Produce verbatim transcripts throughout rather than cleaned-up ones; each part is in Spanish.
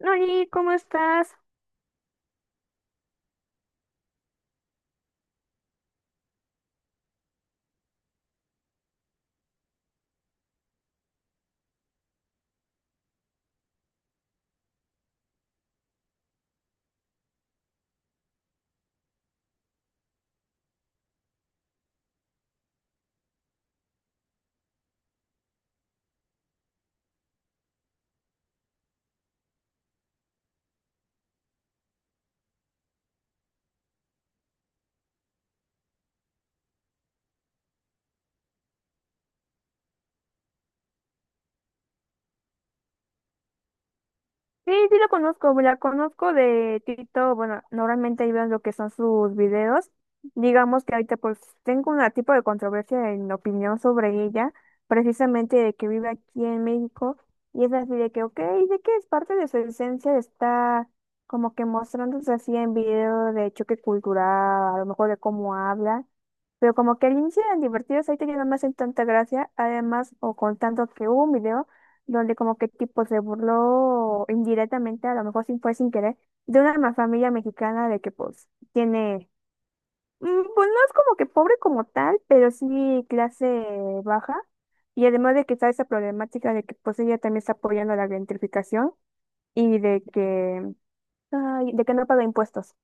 Oli, ¿cómo estás? Sí, sí lo conozco, la conozco de Tito, bueno, normalmente ahí veo lo que son sus videos. Digamos que ahorita pues tengo un tipo de controversia en opinión sobre ella, precisamente de que vive aquí en México, y es así de que, ok, de que es parte de su esencia, está como que mostrándose así en video de choque cultural, a lo mejor de cómo habla, pero como que al inicio eran divertidos, ahorita ya no me hacen tanta gracia, además, o contando que hubo un video donde como que tipo se burló indirectamente, a lo mejor sin fue sin querer, de una ma- familia mexicana de que pues tiene, mm, pues no es como que pobre como tal, pero sí clase baja. Y además de que está esa problemática de que pues ella también está apoyando la gentrificación y de que, ay, de que no paga impuestos.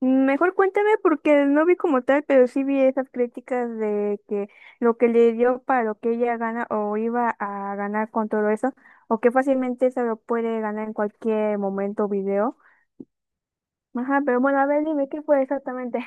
Mejor cuéntame porque no vi como tal, pero sí vi esas críticas de que lo que le dio para lo que ella gana o iba a ganar con todo eso, o que fácilmente se lo puede ganar en cualquier momento o video. Ajá, pero bueno, a ver, dime qué fue exactamente.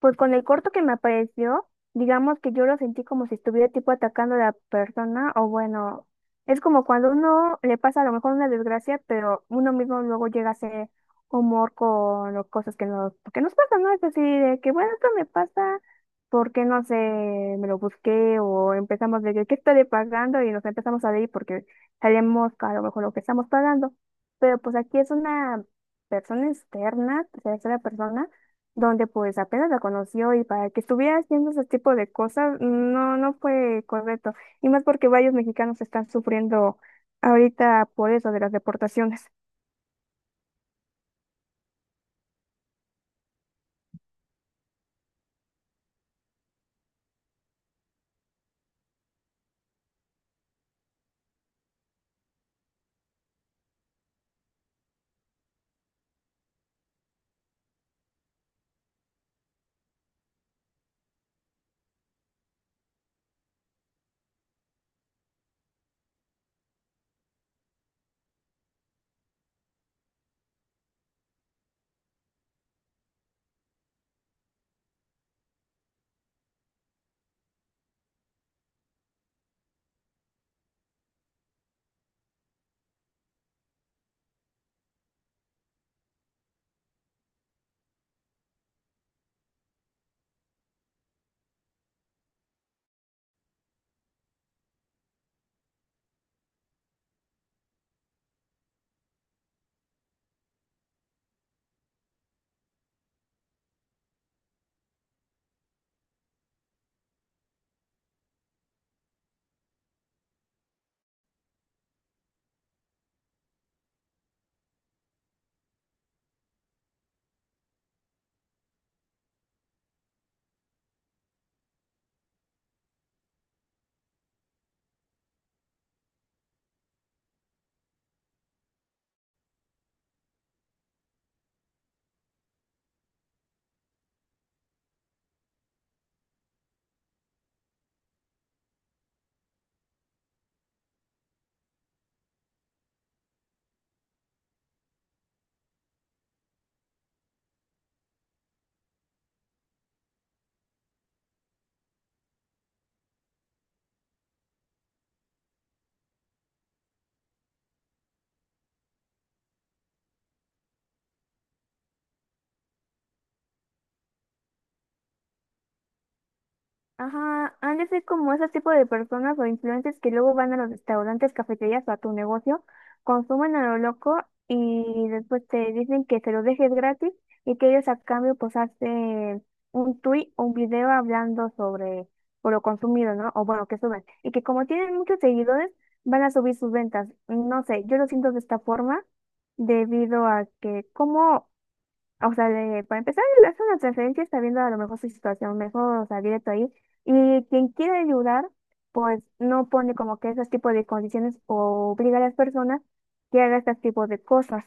Pues con el corto que me apareció, digamos que yo lo sentí como si estuviera tipo atacando a la persona, o bueno, es como cuando uno le pasa a lo mejor una desgracia, pero uno mismo luego llega a hacer humor con las cosas que nos, que nos pasan, ¿no? Es así de que, bueno, esto me pasa porque no sé, me lo busqué, o empezamos de que, ¿qué estaré pagando? Y nos empezamos a reír porque sabemos que a lo mejor lo que estamos pagando. Pero pues aquí es una persona externa, tercera persona donde pues apenas la conoció y para que estuviera haciendo ese tipo de cosas, no, no fue correcto. Y más porque varios mexicanos están sufriendo ahorita por eso de las deportaciones. Ajá, han de ser como ese tipo de personas o influencers que luego van a los restaurantes, cafeterías o a tu negocio, consumen a lo loco y después te dicen que se lo dejes gratis y que ellos a cambio pues hacen un tweet o un video hablando sobre por lo consumido, ¿no? O bueno, que suben. Y que como tienen muchos seguidores, van a subir sus ventas. No sé, yo lo siento de esta forma debido a que como, o sea, le- para empezar, le hace una transferencia, está viendo a lo mejor su situación mejor, o sea, directo ahí. Y quien quiere ayudar, pues no pone como que esos tipos de condiciones o obliga a las personas que haga este tipo de cosas.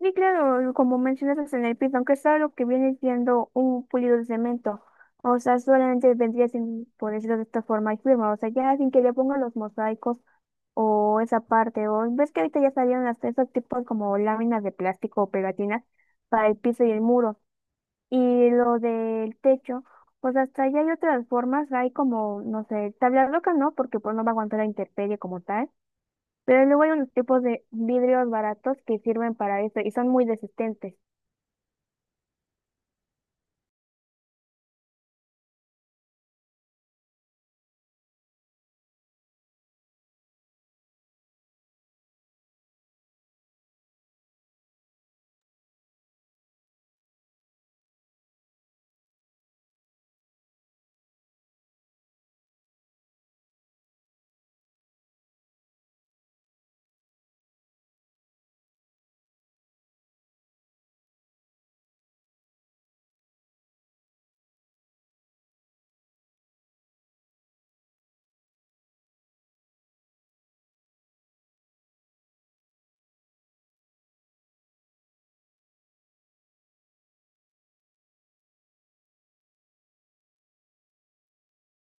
Y claro, como mencionas en el piso, aunque es algo que viene siendo un pulido de cemento, o sea, solamente vendría sin, por decirlo de esta forma, y firma, o sea, ya sin que le pongan los mosaicos. O esa parte, o ves que ahorita ya salieron hasta esos tipos como láminas de plástico o pegatinas para el piso y el muro. Y lo del techo, pues hasta allá hay otras formas, hay como, no sé, tabla roca no, porque pues no va a aguantar la intemperie como tal, pero luego hay unos tipos de vidrios baratos que sirven para eso y son muy resistentes.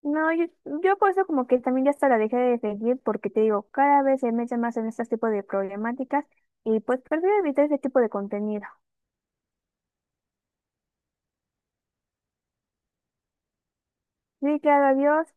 No, yo, yo por eso como que también ya hasta la dejé de seguir porque te digo, cada vez se mete más en este tipo de problemáticas y pues prefiero evitar ese tipo de contenido. Sí, claro, adiós.